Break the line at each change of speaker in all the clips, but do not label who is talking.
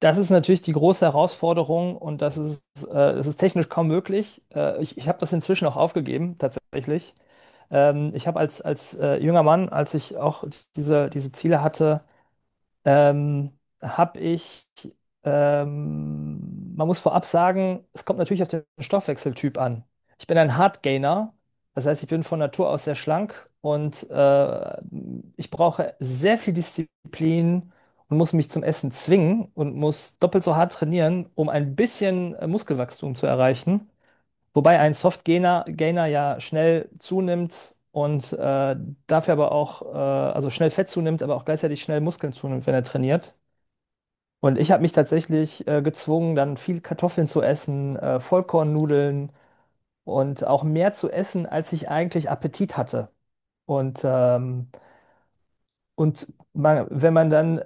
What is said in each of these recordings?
Das ist natürlich die große Herausforderung und das ist, es ist technisch kaum möglich. Ich habe das inzwischen auch aufgegeben, tatsächlich. Ich habe als, als junger Mann, als ich auch diese Ziele hatte, ähm, habe ich, man muss vorab sagen, es kommt natürlich auf den Stoffwechseltyp an. Ich bin ein Hard Gainer, das heißt, ich bin von Natur aus sehr schlank und ich brauche sehr viel Disziplin und muss mich zum Essen zwingen und muss doppelt so hart trainieren, um ein bisschen Muskelwachstum zu erreichen. Wobei ein Soft-Gainer Gainer ja schnell zunimmt und dafür aber auch, also schnell Fett zunimmt, aber auch gleichzeitig schnell Muskeln zunimmt, wenn er trainiert. Und ich habe mich tatsächlich gezwungen, dann viel Kartoffeln zu essen, Vollkornnudeln und auch mehr zu essen, als ich eigentlich Appetit hatte. Und, ähm, und man, wenn man dann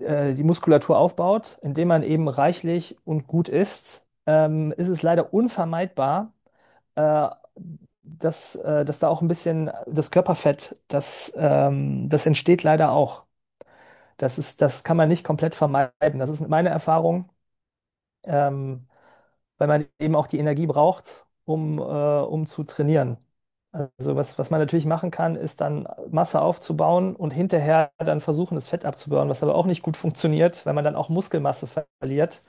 äh, die Muskulatur aufbaut, indem man eben reichlich und gut isst, ist es leider unvermeidbar, äh, dass da auch ein bisschen das Körperfett, das entsteht leider auch. Das kann man nicht komplett vermeiden. Das ist meine Erfahrung, ähm, weil man eben auch die Energie braucht, um zu trainieren. Also was man natürlich machen kann, ist dann Masse aufzubauen und hinterher dann versuchen, das Fett abzubauen, was aber auch nicht gut funktioniert, weil man dann auch Muskelmasse verliert.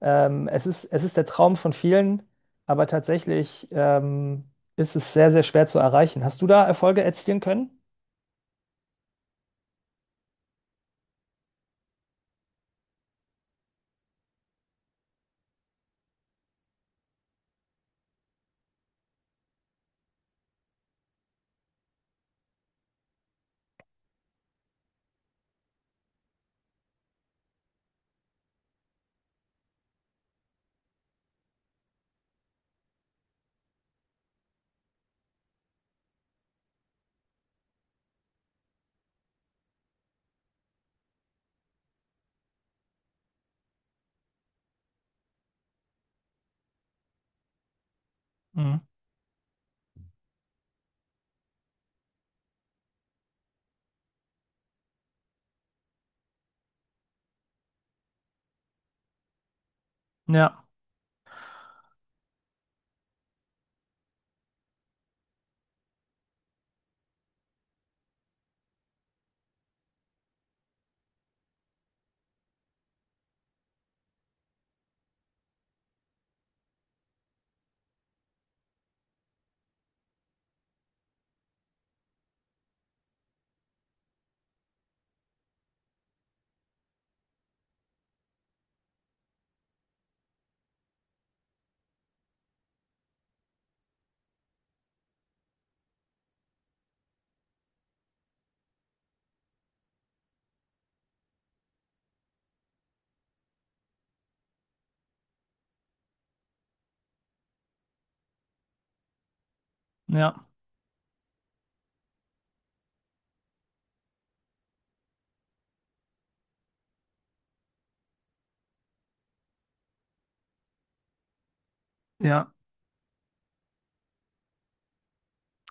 Es ist der Traum von vielen, aber tatsächlich ist es sehr, sehr schwer zu erreichen. Hast du da Erfolge erzielen können? Mhm. Ja, ja, ja.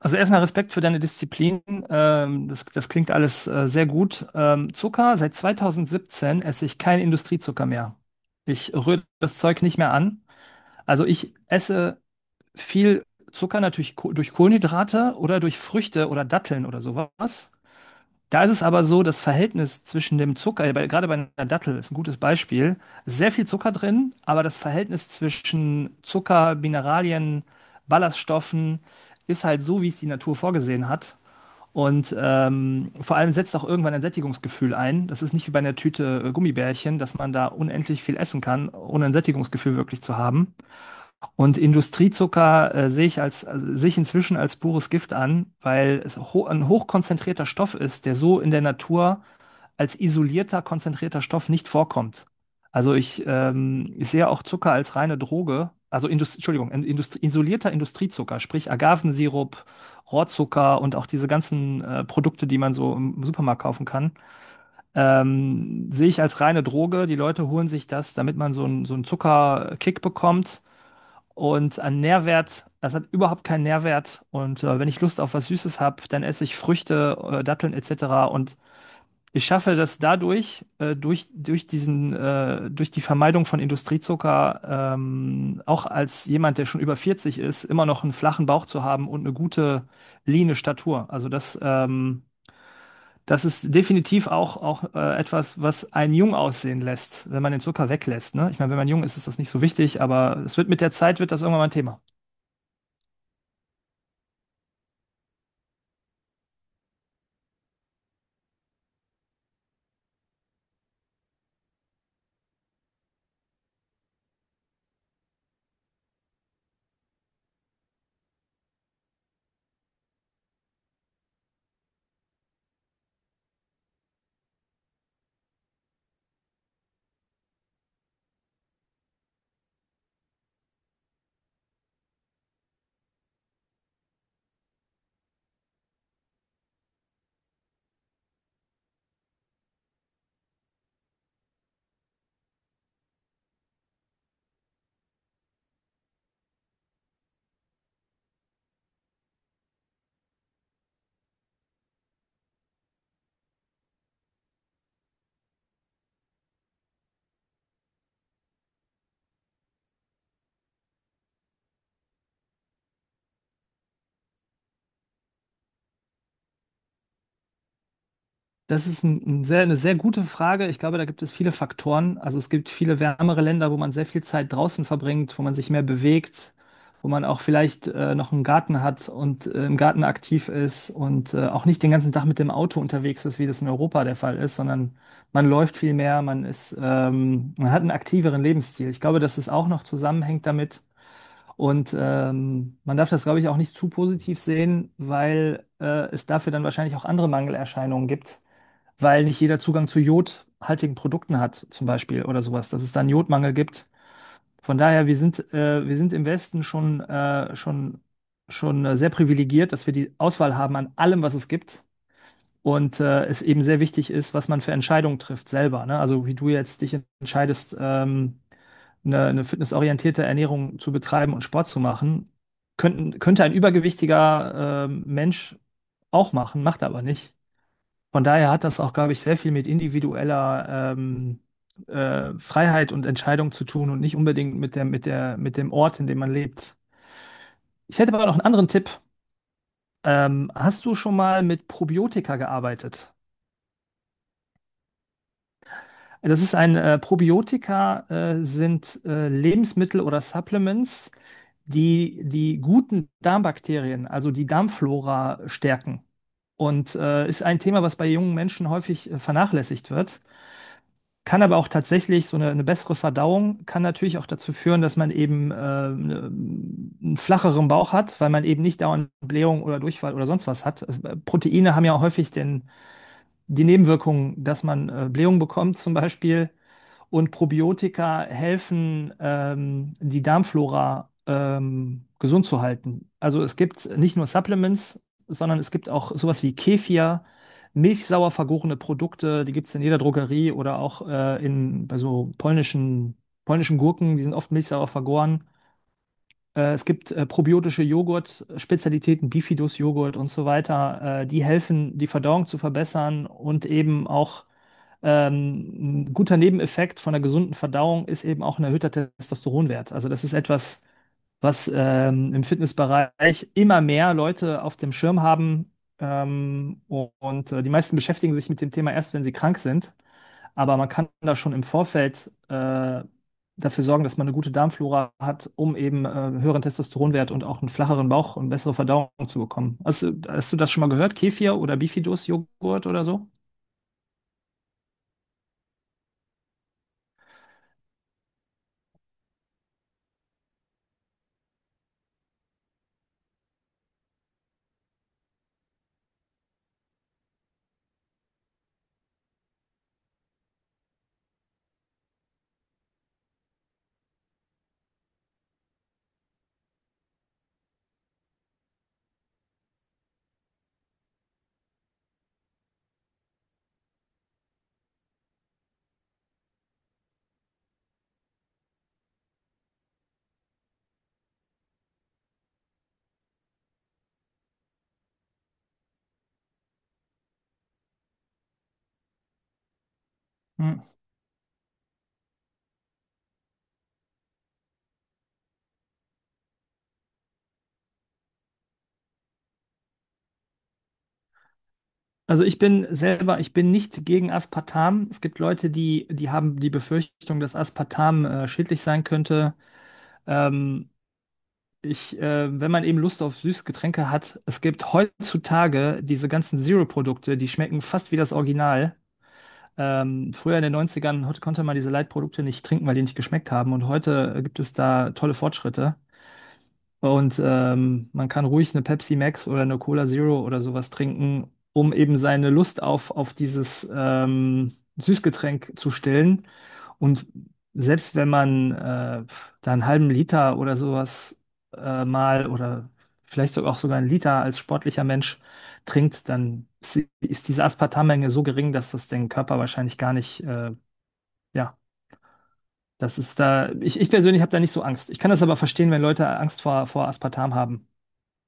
Also erstmal Respekt für deine Disziplin. Das klingt alles sehr gut. Zucker, seit 2017 esse ich keinen Industriezucker mehr. Ich rühre das Zeug nicht mehr an. Also ich esse viel Zucker natürlich ko durch Kohlenhydrate oder durch Früchte oder Datteln oder sowas. Da ist es aber so, das Verhältnis zwischen dem Zucker, gerade bei einer Dattel ist ein gutes Beispiel, sehr viel Zucker drin, aber das Verhältnis zwischen Zucker, Mineralien, Ballaststoffen ist halt so, wie es die Natur vorgesehen hat. Und vor allem setzt auch irgendwann ein Sättigungsgefühl ein. Das ist nicht wie bei einer Tüte Gummibärchen, dass man da unendlich viel essen kann, ohne ein Sättigungsgefühl wirklich zu haben. Und Industriezucker sehe ich also sehe ich inzwischen als pures Gift an, weil es ho ein hochkonzentrierter Stoff ist, der so in der Natur als isolierter, konzentrierter Stoff nicht vorkommt. Also ich sehe auch Zucker als reine Droge, also Indust Entschuldigung, in- Indust isolierter Industriezucker, sprich Agavensirup, Rohrzucker und auch diese ganzen Produkte, die man so im Supermarkt kaufen kann, sehe ich als reine Droge. Die Leute holen sich das, damit man so einen Zuckerkick bekommt. Und an Nährwert, das hat überhaupt keinen Nährwert. Und wenn ich Lust auf was Süßes habe, dann esse ich Früchte, Datteln etc. Und ich schaffe das dadurch, durch durch die Vermeidung von Industriezucker, auch als jemand, der schon über 40 ist, immer noch einen flachen Bauch zu haben und eine gute, leane Statur. Also das ist definitiv auch etwas, was einen jung aussehen lässt, wenn man den Zucker weglässt. Ne? Ich meine, wenn man jung ist, ist das nicht so wichtig, aber es wird mit der Zeit wird das irgendwann mal ein Thema. Das ist eine sehr gute Frage. Ich glaube, da gibt es viele Faktoren. Also es gibt viele wärmere Länder, wo man sehr viel Zeit draußen verbringt, wo man sich mehr bewegt, wo man auch vielleicht noch einen Garten hat und im Garten aktiv ist und auch nicht den ganzen Tag mit dem Auto unterwegs ist, wie das in Europa der Fall ist, sondern man läuft viel mehr, man hat einen aktiveren Lebensstil. Ich glaube, dass es auch noch zusammenhängt damit. Und man darf das, glaube ich, auch nicht zu positiv sehen, weil es dafür dann wahrscheinlich auch andere Mangelerscheinungen gibt, weil nicht jeder Zugang zu jodhaltigen Produkten hat, zum Beispiel oder sowas, dass es da einen Jodmangel gibt. Von daher, wir sind im Westen schon sehr privilegiert, dass wir die Auswahl haben an allem, was es gibt. Und es eben sehr wichtig ist, was man für Entscheidungen trifft selber. Ne? Also wie du jetzt dich entscheidest, eine fitnessorientierte Ernährung zu betreiben und Sport zu machen, könnte ein übergewichtiger Mensch auch machen, macht er aber nicht. Von daher hat das auch, glaube ich, sehr viel mit individueller Freiheit und Entscheidung zu tun und nicht unbedingt mit dem Ort, in dem man lebt. Ich hätte aber noch einen anderen Tipp. Hast du schon mal mit Probiotika gearbeitet? Das ist ein Probiotika, sind Lebensmittel oder Supplements, die die guten Darmbakterien, also die Darmflora stärken. Und ist ein Thema, was bei jungen Menschen häufig vernachlässigt wird. Kann aber auch tatsächlich so eine bessere Verdauung kann natürlich auch dazu führen, dass man eben ne- einen flacheren Bauch hat, weil man eben nicht dauernd Blähung oder Durchfall oder sonst was hat. Also, Proteine haben ja häufig die Nebenwirkung, dass man Blähung bekommt zum Beispiel, und Probiotika helfen, die Darmflora gesund zu halten. Also es gibt nicht nur Supplements, sondern es gibt auch sowas wie Kefir, milchsauer vergorene Produkte, die gibt es in jeder Drogerie oder auch bei so polnischen Gurken, die sind oft milchsauer vergoren. Es gibt probiotische Joghurt, Spezialitäten, Bifidus-Joghurt und so weiter, die helfen, die Verdauung zu verbessern und eben auch, ein guter Nebeneffekt von einer gesunden Verdauung ist eben auch ein erhöhter Testosteronwert. Also das ist etwas, was im Fitnessbereich immer mehr Leute auf dem Schirm haben. Und die meisten beschäftigen sich mit dem Thema erst, wenn sie krank sind. Aber man kann da schon im Vorfeld dafür sorgen, dass man eine gute Darmflora hat, um eben einen höheren Testosteronwert und auch einen flacheren Bauch und bessere Verdauung zu bekommen. Hast du das schon mal gehört? Kefir oder Bifidus-Joghurt oder so? Also ich bin nicht gegen Aspartam. Es gibt Leute, die haben die Befürchtung, dass Aspartam schädlich sein könnte. Ähm, Wenn man eben Lust auf Süßgetränke hat, es gibt heutzutage diese ganzen Zero-Produkte, die schmecken fast wie das Original. Früher in den Neunzigern konnte man diese Light-Produkte nicht trinken, weil die nicht geschmeckt haben. Und heute gibt es da tolle Fortschritte. Und man kann ruhig eine Pepsi Max oder eine Cola Zero oder sowas trinken, um eben seine Lust auf dieses Süßgetränk zu stillen. Und selbst wenn man da einen halben Liter oder sowas mal oder vielleicht sogar einen Liter als sportlicher Mensch trinkt, dann ist diese Aspartammenge so gering, dass das den Körper wahrscheinlich gar nicht, ja, das ist da, ich persönlich habe da nicht so Angst. Ich kann das aber verstehen, wenn Leute Angst vor Aspartam haben.